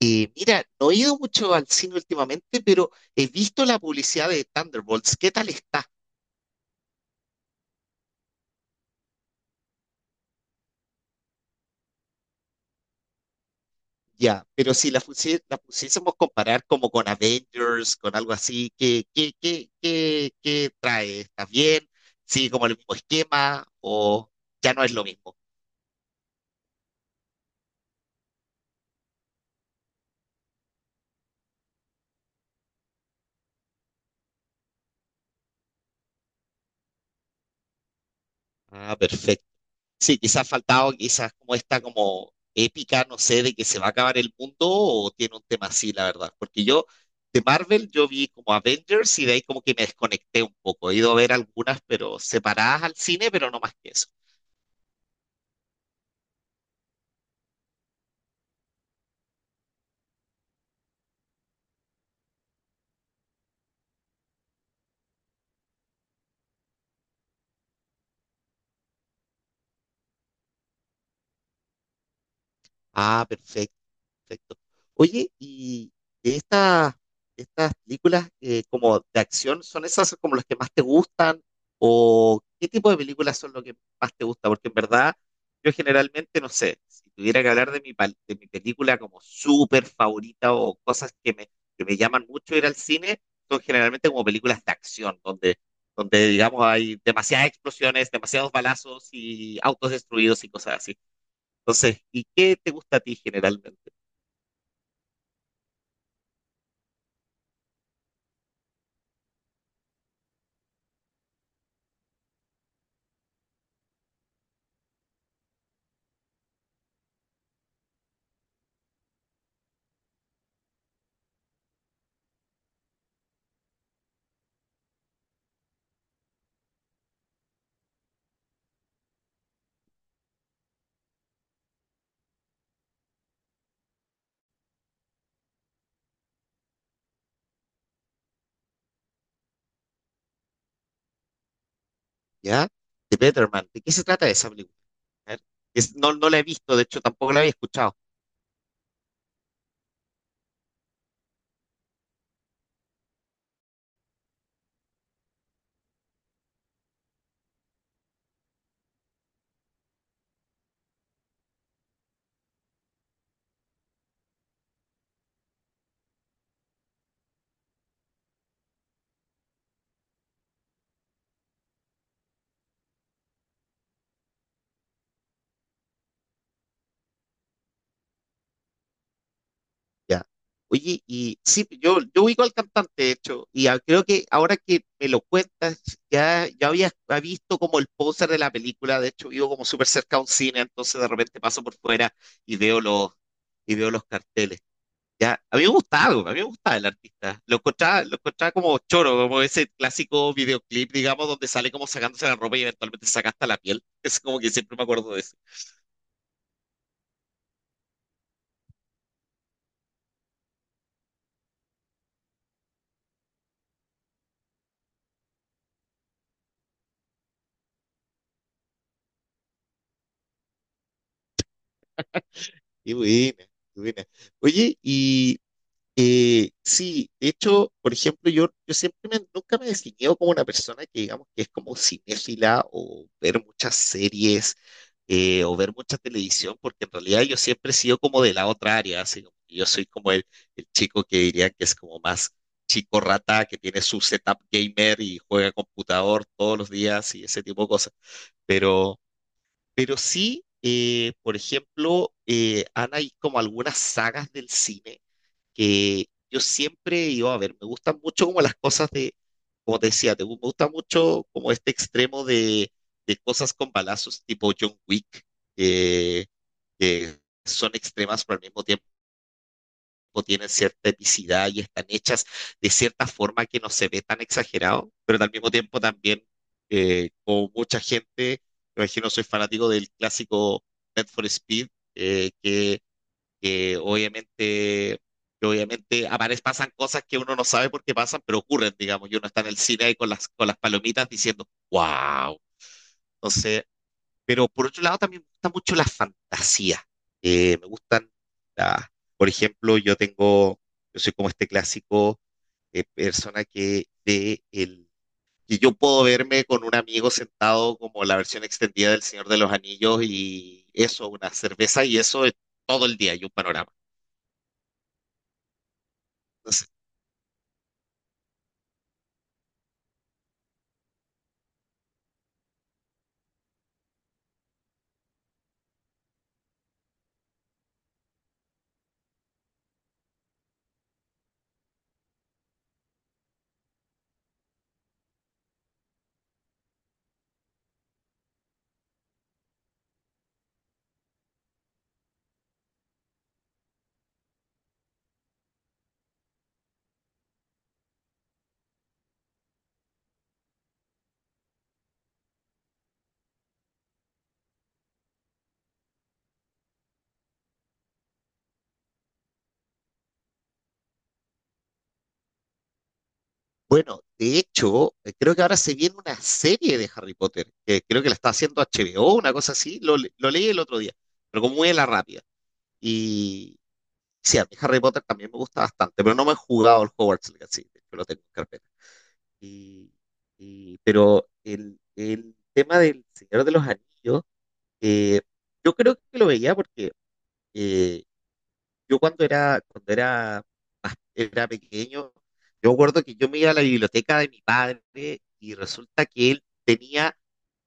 Mira, no he ido mucho al cine últimamente, pero he visto la publicidad de Thunderbolts. ¿Qué tal está? Ya, pero si la pusiésemos comparar como con Avengers, con algo así, ¿qué trae? ¿Está bien? Sí, ¿como el mismo esquema o ya no es lo mismo? Ah, perfecto. Sí, quizás ha faltado quizás como esta como épica, no sé, de que se va a acabar el mundo o tiene un tema así, la verdad. Porque yo de Marvel yo vi como Avengers y de ahí como que me desconecté un poco. He ido a ver algunas, pero separadas al cine, pero no más que eso. Ah, perfecto. Perfecto. Oye, y de estas, de estas películas como de acción, ¿son esas como las que más te gustan? ¿O qué tipo de películas son lo que más te gusta? Porque en verdad, yo generalmente, no sé, si tuviera que hablar de de mi película como súper favorita o cosas que me llaman mucho ir al cine, son generalmente como películas de acción, donde digamos hay demasiadas explosiones, demasiados balazos y autos destruidos y cosas así. Entonces, ¿y qué te gusta a ti generalmente? ¿Ya? The Better Man. ¿De qué se trata esa película? A ver, no, no la he visto, de hecho tampoco la había escuchado. ¿Ya? Oye, y sí, yo ubico al cantante, de hecho, y creo que ahora que me lo cuentas, ya había visto como el póster de la película, de hecho vivo como súper cerca a un cine, entonces de repente paso por fuera y veo los, y veo los carteles. Ya, a mí me gustaba el artista. Lo encontraba como choro, como ese clásico videoclip, digamos, donde sale como sacándose la ropa y eventualmente se saca hasta la piel. Es como que siempre me acuerdo de eso. Y buena, qué buena. Oye, y sí, de hecho, por ejemplo, nunca me he definido como una persona que digamos que es como cinéfila o ver muchas series o ver mucha televisión, porque en realidad yo siempre he sido como de la otra área, así como que yo soy como el chico que diría que es como más chico rata, que tiene su setup gamer y juega computador todos los días y ese tipo de cosas. Pero, pero sí, por ejemplo, han hay como algunas sagas del cine que yo siempre iba a ver, me gustan mucho como las cosas de, como te decía, me gusta mucho como este extremo de cosas con balazos tipo John Wick, eh, que son extremas pero al mismo tiempo tienen cierta epicidad y están hechas de cierta forma que no se ve tan exagerado, pero al mismo tiempo también, como mucha gente, me imagino soy fanático del clásico Need for Speed, eh, que que obviamente, que obviamente aparecen, pasan cosas que uno no sabe por qué pasan, pero ocurren, digamos, y uno está en el cine ahí con con las palomitas diciendo, wow. Entonces, pero por otro lado también me gusta mucho la fantasía. Me gustan, la- por ejemplo, yo soy como este clásico persona que de el que yo puedo verme con un amigo sentado como la versión extendida del Señor de los Anillos y eso, una cerveza y eso es todo el día y un panorama. Bueno, de hecho, creo que ahora se viene una serie de Harry Potter, que creo que la está haciendo HBO, una cosa así, lo leí el otro día, pero como muy a la rápida. Y sí, a mí Harry Potter también me gusta bastante, pero no me he jugado el Hogwarts Legacy, de hecho lo tengo en carpeta. Y, pero el tema del Señor de los Anillos, eh, yo creo que lo veía porque eh, yo cuando era era pequeño, yo me acuerdo que yo me iba a la biblioteca de mi padre y resulta que él tenía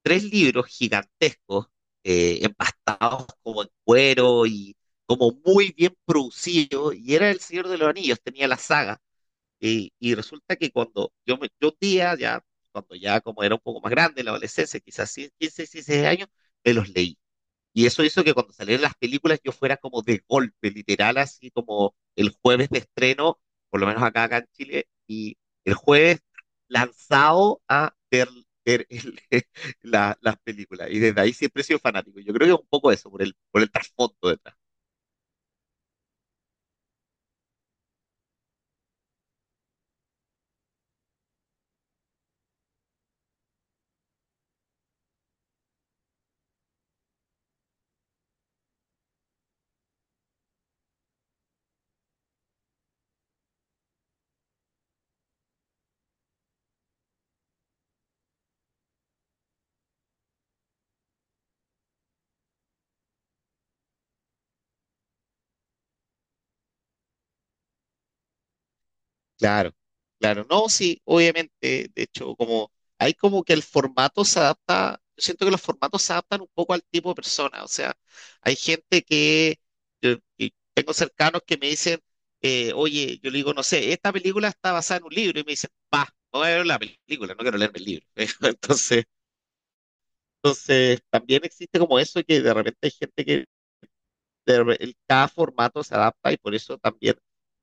tres libros gigantescos, empastados como en cuero y como muy bien producidos, y era El Señor de los Anillos, tenía la saga. Y resulta que yo un día, ya, cuando ya como era un poco más grande, en la adolescencia, quizás 15, 16 años, me los leí. Y eso hizo que cuando salieran las películas yo fuera como de golpe, literal, así como el jueves de estreno, por lo menos acá en Chile, y el jueves lanzado a ver, ver el- las películas. Y desde ahí siempre he sido fanático. Yo creo que es un poco eso, por por el trasfondo detrás. Claro, claro. No, sí, obviamente. De hecho, como hay como que el formato se adapta, yo siento que los formatos se adaptan un poco al tipo de persona. O sea, hay gente que, y tengo cercanos que me dicen, oye, yo le digo, no sé, esta película está basada en un libro y me dicen, va, no voy a ver la película, no quiero leerme el libro. Entonces, entonces también existe como eso que de repente hay gente que cada formato se adapta y por eso también...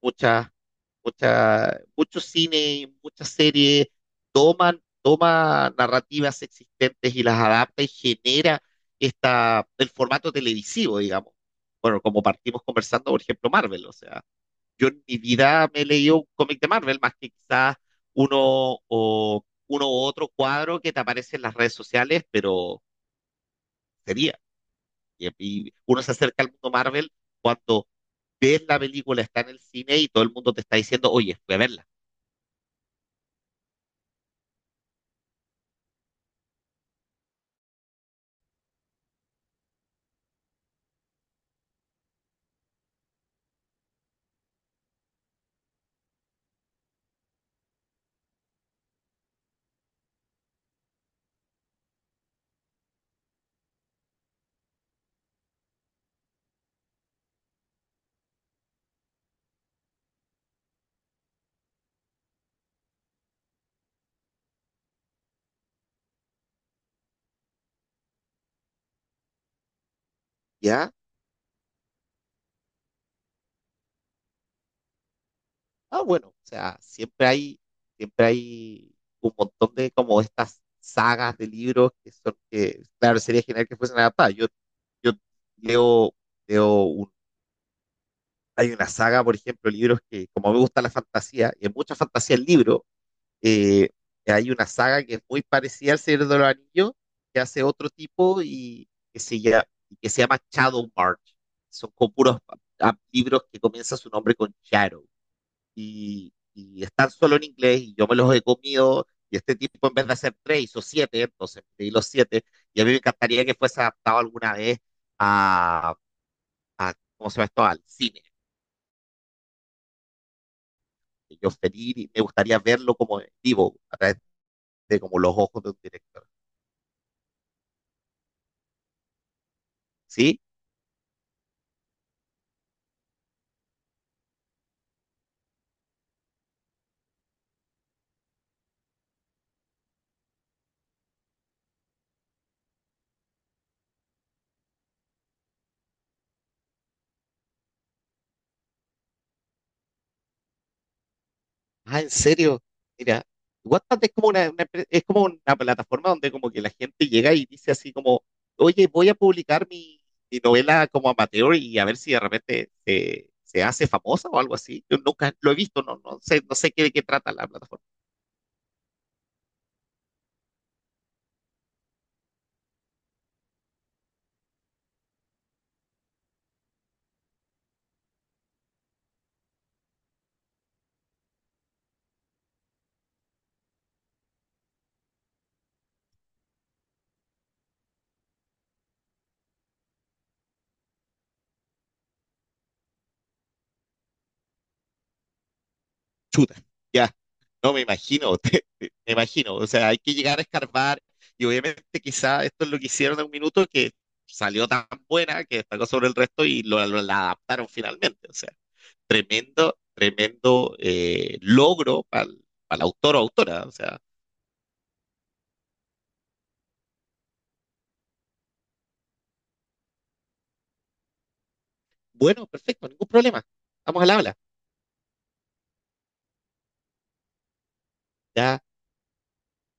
muchas mucho cine, muchas series toma narrativas existentes y las adapta y genera esta, el formato televisivo, digamos. Bueno, como partimos conversando, por ejemplo, Marvel, o sea, yo en mi vida me he leído un cómic de Marvel, más que quizás uno o uno u otro cuadro que te aparece en las redes sociales, pero sería. Y uno se acerca al mundo Marvel cuando ves la película, está en el cine y todo el mundo te está diciendo, oye, fui a verla. ¿Ya? Ah, bueno, o sea, siempre hay un montón de como estas sagas de libros que son que, claro, sería genial que fuesen adaptadas. Yo leo, leo un- hay una saga, por ejemplo, libros que, como me gusta la fantasía, y hay mucha fantasía en libro, eh, hay una saga que es muy parecida al Señor de los Anillos, que hace otro tipo y que se llama Shadow March. Son con puros libros que comienza su nombre con Shadow y están solo en inglés y yo me los he comido y este tipo en vez de hacer tres hizo siete, entonces pedí los siete y a mí me encantaría que fuese adaptado alguna vez a, a ¿cómo se llama esto? Al cine. Yo feliz y me gustaría verlo como en vivo, a través de como los ojos de un director. ¿Sí? Ah, ¿en serio? Mira, WhatsApp es como una es como una plataforma donde como que la gente llega y dice así como, oye, voy a publicar mi novela como amateur y a ver si de repente se hace famosa o algo así. Yo nunca lo he visto, no sé, de qué trata la plataforma. Chuta, ya, no me imagino, me imagino. O sea, hay que llegar a escarbar y obviamente quizá esto es lo que hicieron en un minuto que salió tan buena que destacó sobre el resto y la adaptaron finalmente. O sea, tremendo, tremendo logro para para el autor o autora. O sea, bueno, perfecto, ningún problema. Estamos al habla. Ya.